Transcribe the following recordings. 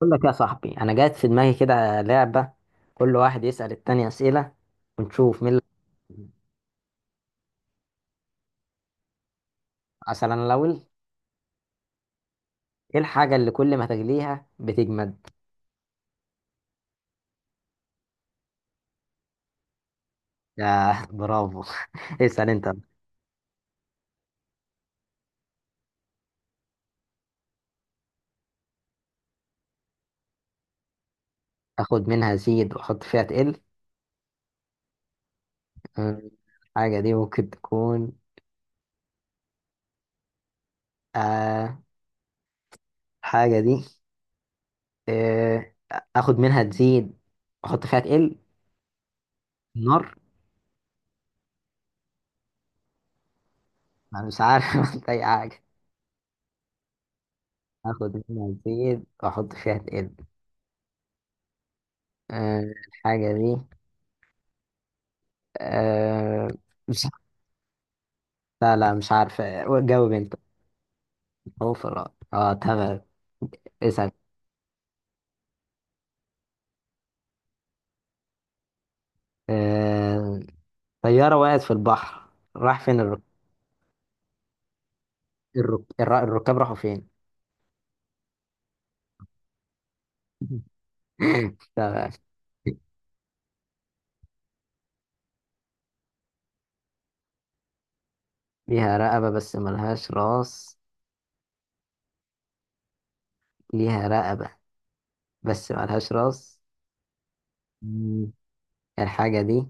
بقول لك يا صاحبي، انا جات في دماغي كده لعبه. كل واحد يسال التاني اسئله ونشوف مين اللي، مثلا الاول، ايه الحاجه اللي كل ما تغليها بتجمد؟ يا برافو! اسال انت. اخد منها زيد واحط فيها تقل. أمم، الحاجه دي ممكن تكون... آه الحاجه دي آه اخد منها تزيد واحط فيها تقل. نار. انا مش عارف أحط اي حاجه. اخد منها تزيد واحط فيها تقل. آه الحاجه دي أه مش لا، لا، مش عارف. جاوب انت. هو في الرأي، اه، تمام. اسأل. أه طيارة وقعت في البحر، راح فين الركاب راحوا فين؟ تمام. ليها رقبة بس ملهاش راس، ليها رقبة بس ملهاش راس. مم. الحاجة دي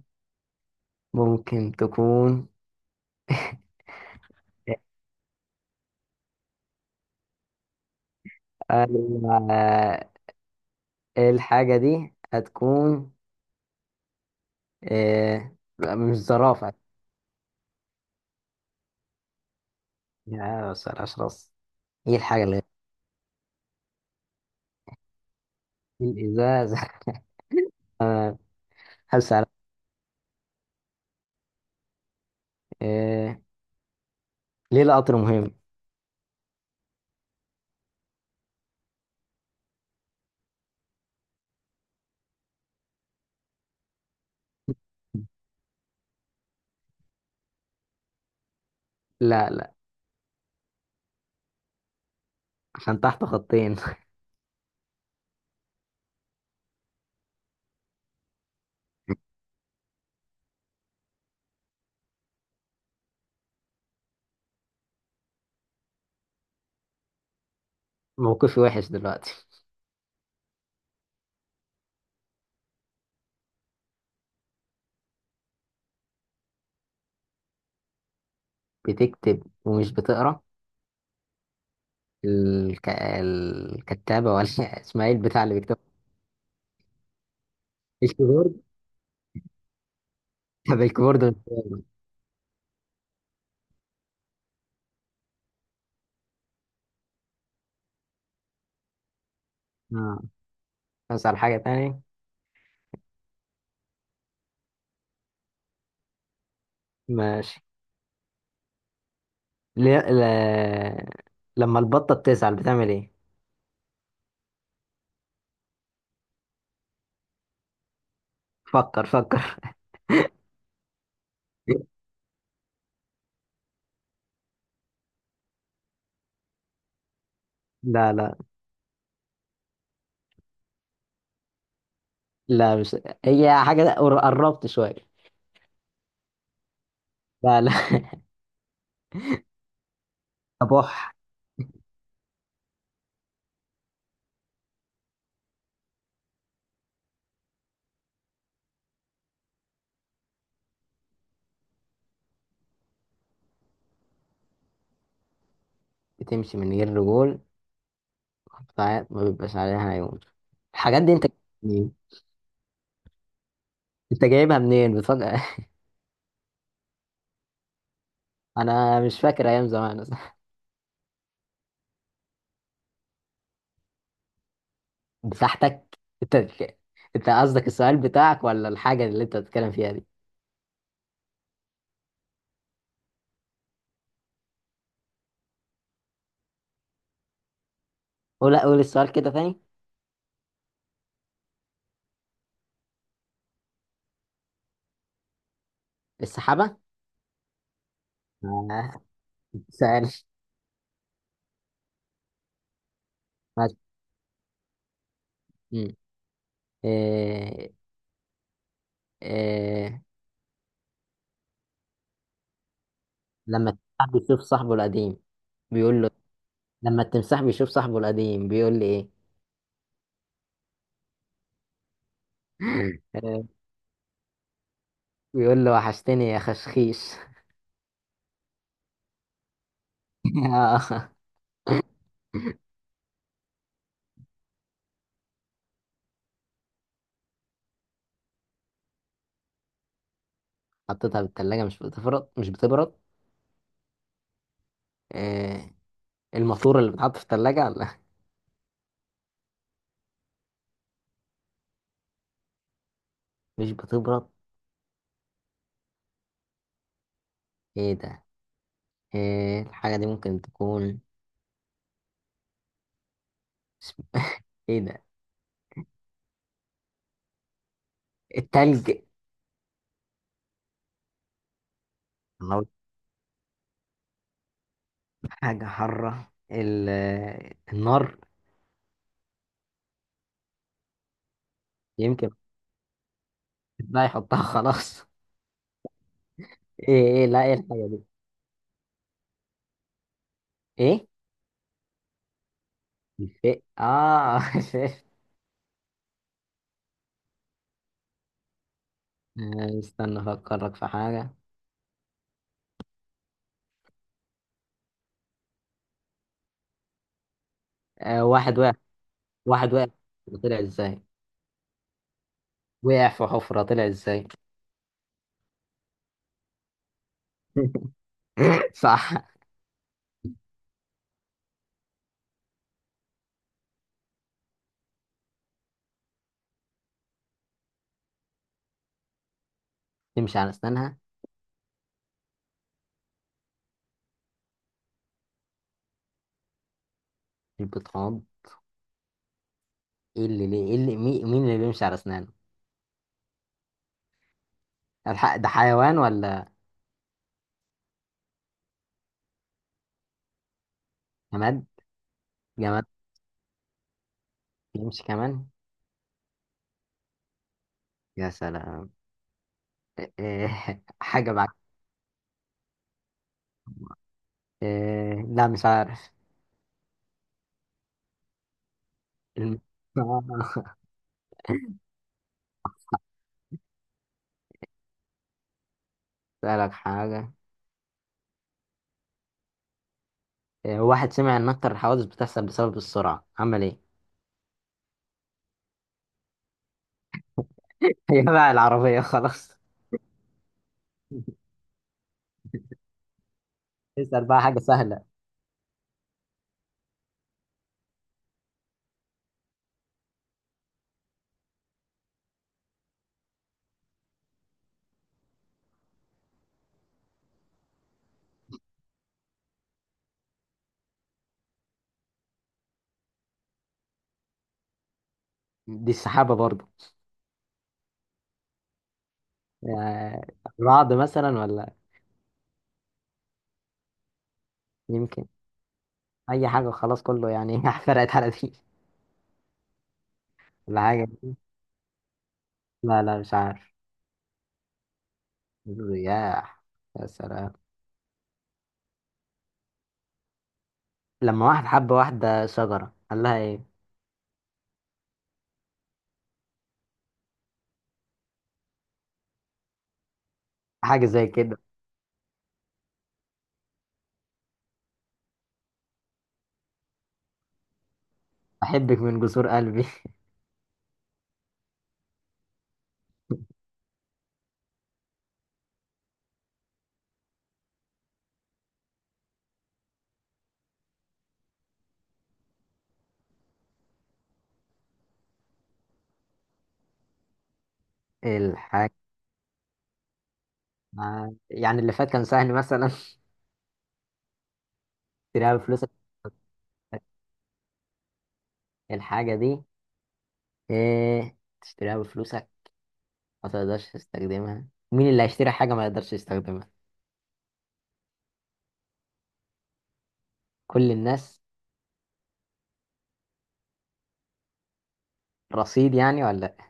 ممكن تكون... آه، الحاجة دي هتكون... مش زرافة؟ يا، بس ملهاش راس. ايه الحاجة اللي... الازاز! حبس على... إيه؟ ليه القطر مهم؟ لا، لا، عشان تحت خطين. موقفي وحش دلوقتي. بتكتب ومش بتقرا؟ الكتابة ولا اسمها ايه البتاع اللي بيكتب؟ الكيبورد؟ طب الكيبورد. اه، اسأل حاجة تانية. ماشي. ليه لما البطة بتزعل بتعمل ايه؟ فكر فكر! لا، لا، لا. مش هي حاجة قربت شوية. لا، لا. بح. بتمشي من غير رجول، ساعات ما بيبقاش عليها عيون. الحاجات دي انت منين؟ انت جايبها منين بتفكر؟ انا مش فاكر ايام زمان. بتاعتك انت؟ انت قصدك السؤال بتاعك ولا الحاجه اللي انت بتتكلم فيها دي؟ قول، قول السؤال كده تاني. السحابه. آه، سؤال. ماشي. مم. إيه؟ إيه؟ لما التمساح بيشوف صاحبه القديم بيقول له؟ لما التمساح بيشوف صاحبه القديم بيقول لي ايه؟ آه، بيقول له وحشتني يا خشخيش. حطيتها في التلاجة مش بتبرد، مش بتبرد. آه الماسورة اللي بتحط في التلاجة؟ لا. مش بتبرد. ايه ده؟ الحاجة دي ممكن تكون... اسم- ايه ده؟ التلج؟ لو حاجة حارة النار. يمكن. بقى يحطها خلاص. ايه؟ ايه؟ لا، ايه الحاجة دي؟ ايه؟ الفئ، اه! شفت. استنى افكرك في حاجة. آه واحد وقع واحد وقع طلع ازاي؟ وقع في حفرة طلع ازاي؟ صح. تمشي على اسنانها؟ يبقى طعام. مين اللي بيمشي على اسنانه؟ الحق ده حيوان ولا؟ جماد؟ جماد بيمشي كمان؟ يا سلام! إيه؟ إيه؟ حاجة بعد. إيه؟ لا، مش عارف. الم- اسألك حاجة. إيه، واحد سمع ان اكتر الحوادث بتحصل بسبب السرعة عمل ايه؟ هي بقى العربية خلاص. اسأل بقى حاجة سهلة. دي السحابة برضه. إيه، رعد مثلا ولا؟ يمكن. اي حاجة خلاص، كله يعني فرقت على دي. ولا حاجة. لا، لا، مش عارف. الرياح. يا سلام! لما واحد حب واحدة شجرة قال لها ايه؟ حاجة زي كده. أحبك من جسور قلبي. الحاجة... يعني اللي فات كان سهل مثلا؟ تشتريها بفلوسك. الحاجة دي... ايه؟ تشتريها بفلوسك ما تقدرش تستخدمها؟ مين اللي هيشتري حاجة ما يقدرش يستخدمها؟ كل الناس؟ رصيد يعني ولا لأ؟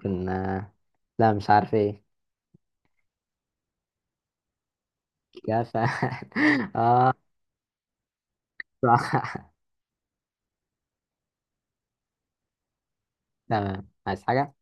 كنا لا، مش عارف ايه. كفى. اه. صح. تمام، عايز حاجة؟